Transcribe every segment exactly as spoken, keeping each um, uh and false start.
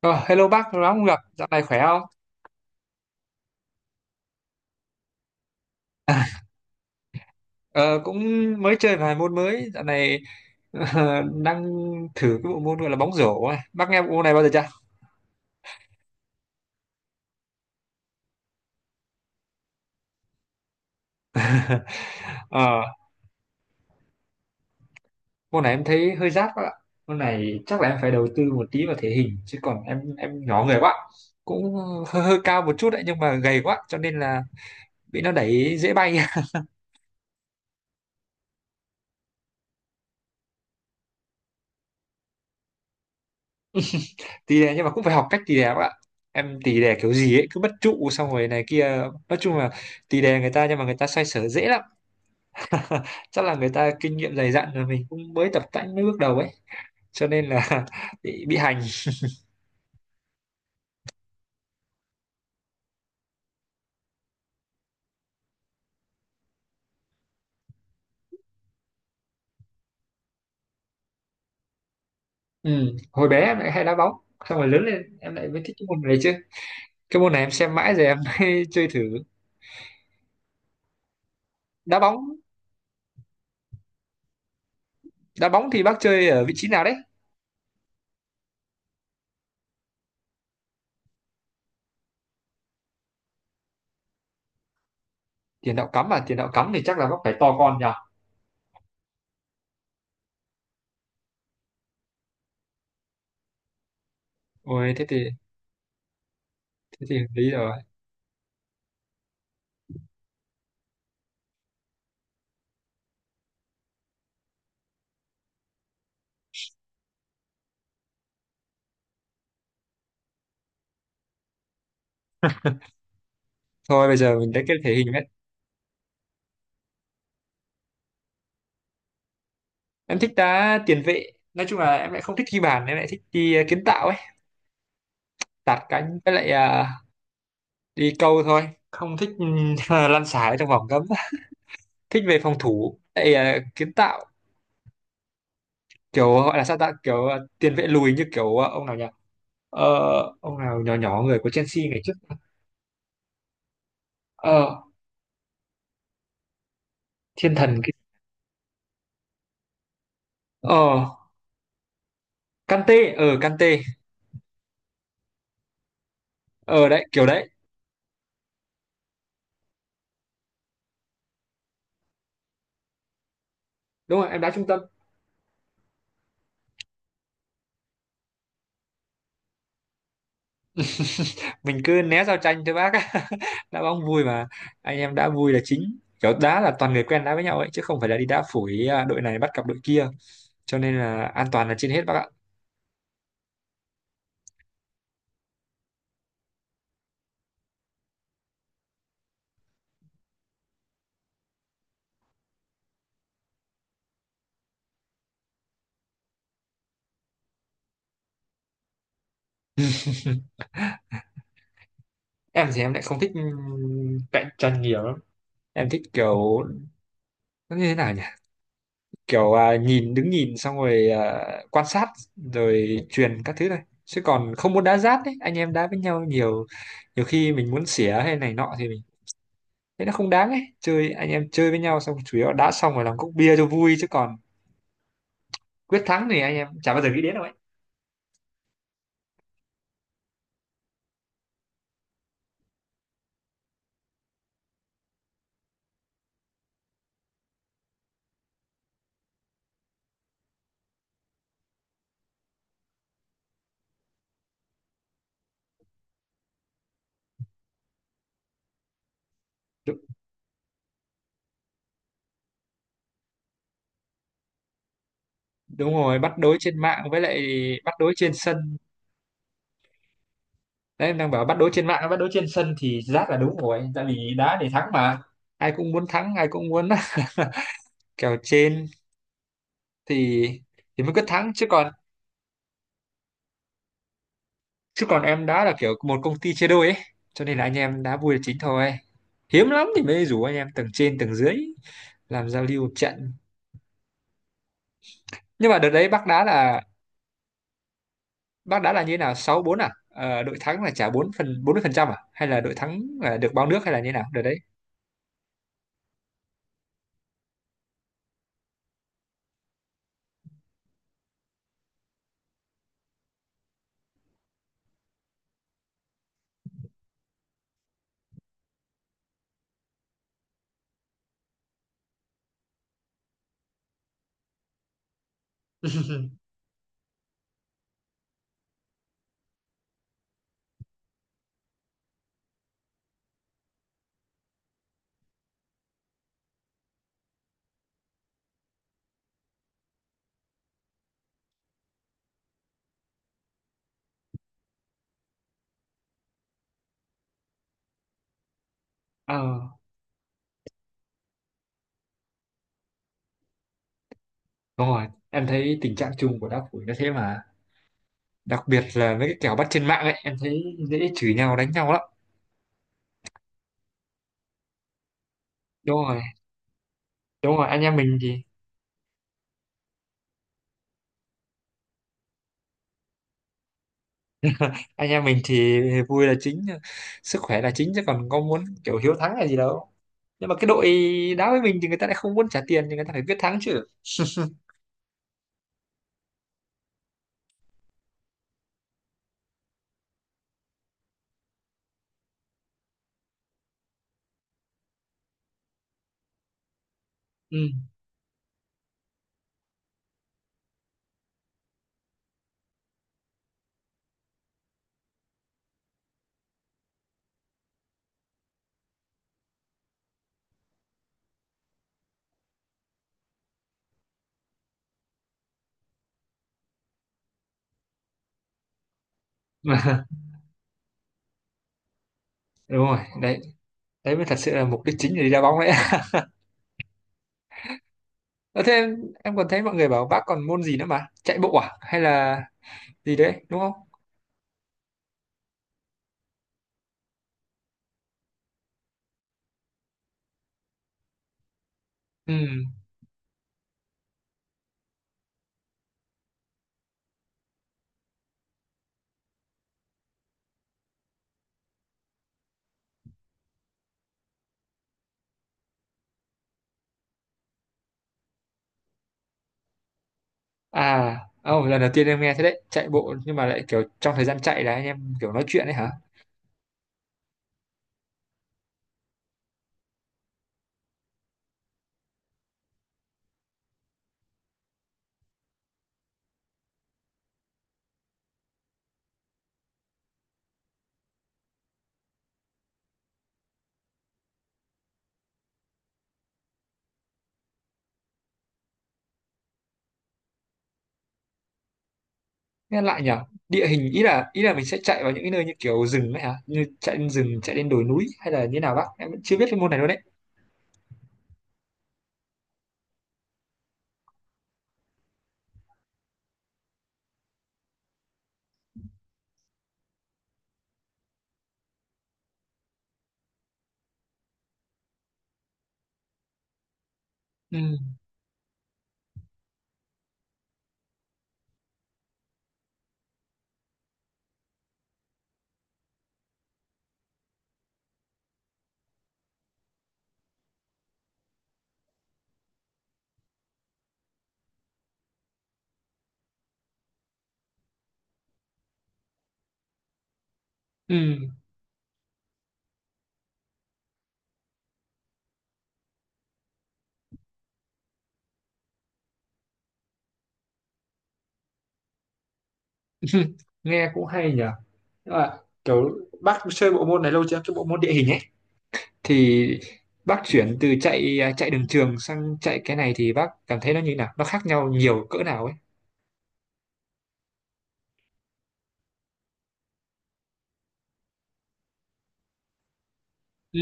Ờ, Hello bác, lâu lắm không gặp, dạo này khỏe không? Ờ, Cũng mới chơi vài môn mới, dạo này ờ, đang thử cái bộ môn gọi là bóng rổ ấy. Bác nghe bộ môn này bao giờ chưa? Ờ, Môn này em thấy hơi rát quá ạ. Môn này chắc là em phải đầu tư một tí vào thể hình, chứ còn em em nhỏ người quá. Cũng hơi, hơi cao một chút đấy, nhưng mà gầy quá, cho nên là bị nó đẩy dễ bay. Tì đè nhưng mà cũng phải học cách tì đè các bạn. Em tì đè kiểu gì ấy, cứ bất trụ xong rồi này kia. Nói chung là tì đè người ta nhưng mà người ta xoay sở dễ lắm. Chắc là người ta kinh nghiệm dày dặn rồi, mình cũng mới tập tành mới bước đầu ấy, cho nên là bị bị hành. Ừ. Hồi bé em lại hay đá bóng, xong rồi lớn lên em lại mới thích cái môn này chứ. Cái môn này em xem mãi rồi em mới chơi thử. đá bóng Đá bóng thì bác chơi ở vị trí nào đấy? Tiền đạo cắm à? Tiền đạo cắm thì chắc là bác phải to con nhỉ. Ôi thế thì. Thế thì hợp lý rồi. Thôi bây giờ mình lấy cái thể hình ấy. Em thích đá tiền vệ, nói chung là em lại không thích ghi bàn, em lại thích đi ờ, kiến tạo ấy. Tạt cánh với lại ờ, đi câu thôi, không thích lăn xả ở trong vòng cấm. Thích về phòng thủ tại ờ, kiến tạo. Kiểu gọi là sao ta, kiểu ờ, tiền vệ lùi, như kiểu ờ, ông nào nhỉ? ờ, ông nào nhỏ nhỏ người của Chelsea ngày trước. ờ, Thiên thần cái. Ờ Kante ờ Kante ờ Đấy kiểu đấy. Đúng rồi, em đá trung tâm. Mình cứ né giao tranh thôi bác. Đá bóng vui mà. Anh em đá vui là chính, kiểu đá là toàn người quen đá với nhau ấy, chứ không phải là đi đá phủi, à đội này bắt cặp đội kia. Cho nên là an toàn là trên hết bác ạ. Em thì em lại không thích cạnh tranh nhiều lắm. Em thích kiểu, nó như thế nào nhỉ, kiểu à, nhìn đứng nhìn xong rồi à, quan sát. Rồi truyền các thứ này, chứ còn không muốn đá giáp ấy, anh em đá với nhau nhiều. Nhiều khi mình muốn xỉa hay này nọ thì mình thấy nó không đáng ấy, chơi anh em chơi với nhau xong chủ yếu là đá xong rồi làm cốc bia cho vui chứ còn. Quyết thắng thì anh em chả bao giờ nghĩ đến đâu ấy. Đúng, đúng rồi, bắt đối trên mạng với lại bắt đối trên sân. Đấy đang bảo bắt đấu trên mạng, bắt đấu trên sân thì rát, là đúng rồi tại vì đá để thắng mà. Ai cũng muốn thắng, ai cũng muốn kèo trên thì thì mới cứ thắng chứ còn, chứ còn em đá là kiểu một công ty chia đôi ấy. Cho nên là anh em đá vui là chính thôi, hiếm lắm thì mới rủ anh em tầng trên tầng dưới làm giao lưu một trận. Nhưng mà đợt đấy bác đá là bác đá là như thế nào, sáu bốn à? Ờ, Đội thắng là trả bốn phần, bốn mươi phần trăm à, hay là đội thắng là được bao nước, hay là như thế nào đợt đấy? ờ Đúng rồi, em thấy tình trạng chung của đá phủi nó thế mà. Đặc biệt là với cái kèo bắt trên mạng ấy, em thấy dễ chửi nhau đánh nhau lắm. đúng rồi Đúng rồi, anh em mình thì anh em mình thì vui là chính, sức khỏe là chính, chứ còn có muốn kiểu hiếu thắng là gì đâu. Nhưng mà cái đội đá với mình thì người ta lại không muốn trả tiền, thì người ta phải biết thắng chứ. Ừ. Đúng rồi đấy, đấy mới thật sự là mục đích chính để đi đá bóng đấy. Ờ, Thế em, em còn thấy mọi người bảo bác còn môn gì nữa mà chạy bộ à, hay là gì đấy đúng không? Ừ. À, oh, Lần đầu tiên em nghe thế đấy, chạy bộ nhưng mà lại kiểu trong thời gian chạy là anh em kiểu nói chuyện đấy hả? Nghe lại nhở? Địa hình, ý là ý là mình sẽ chạy vào những cái nơi như kiểu rừng đấy hả? Như chạy lên rừng, chạy lên đồi núi, hay là như nào bác? Em vẫn chưa biết cái môn này luôn đấy. Ừ. Ừ. Nghe cũng hay nhở. Nhưng mà kiểu bác chơi bộ môn này lâu chưa? Cái bộ môn địa hình ấy thì bác chuyển từ chạy à, chạy đường trường sang chạy cái này thì bác cảm thấy nó như thế nào? Nó khác nhau nhiều cỡ nào ấy? Ừ.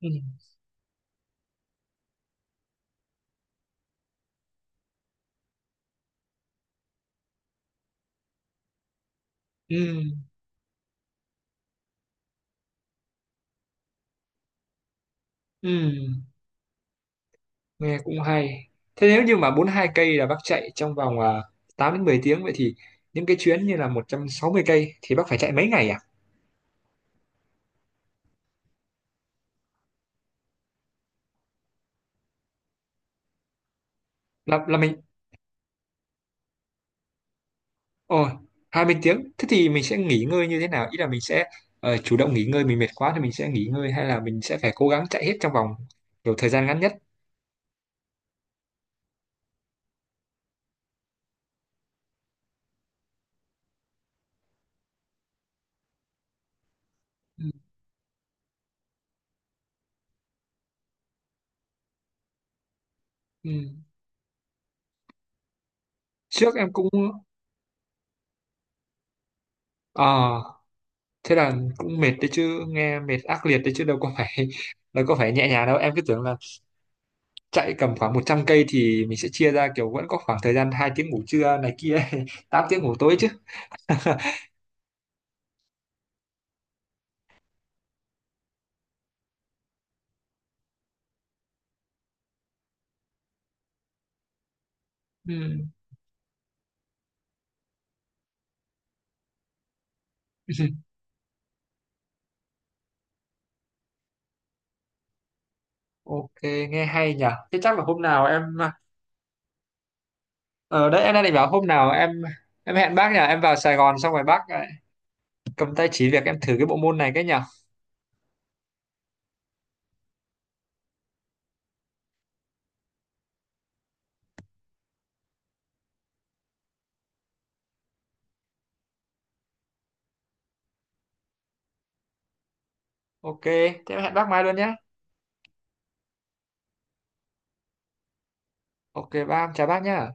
Ừ. Ừ. Ừ. Nghe cũng hay. Thế nếu như mà bốn mươi hai cây là bác chạy trong vòng à, tám đến mười tiếng, vậy thì những cái chuyến như là một trăm sáu mươi cây thì bác phải chạy mấy ngày à? Là là mình, ồ, hai mươi tiếng, thế thì mình sẽ nghỉ ngơi như thế nào, ý là mình sẽ ờ, chủ động nghỉ ngơi, mình mệt quá thì mình sẽ nghỉ ngơi, hay là mình sẽ phải cố gắng chạy hết trong vòng kiểu thời gian ngắn nhất? Ừ. Ừ. Trước em cũng ờ thế là cũng mệt đấy chứ, nghe mệt ác liệt đấy chứ, đâu có phải đâu có phải nhẹ nhàng đâu, em cứ tưởng là chạy cầm khoảng một trăm cây thì mình sẽ chia ra kiểu vẫn có khoảng thời gian hai tiếng ngủ trưa này kia, tám tiếng ngủ tối chứ. Ừ. Ok, nghe hay nhỉ. Thế chắc là hôm nào em, ở đấy em đang định bảo hôm nào em em hẹn bác nhỉ, em vào Sài Gòn xong rồi bác lại cầm tay chỉ việc em thử cái bộ môn này cái nhỉ. Ok thế em hẹn bác mai luôn nhé. Ok bác, em chào bác nhá.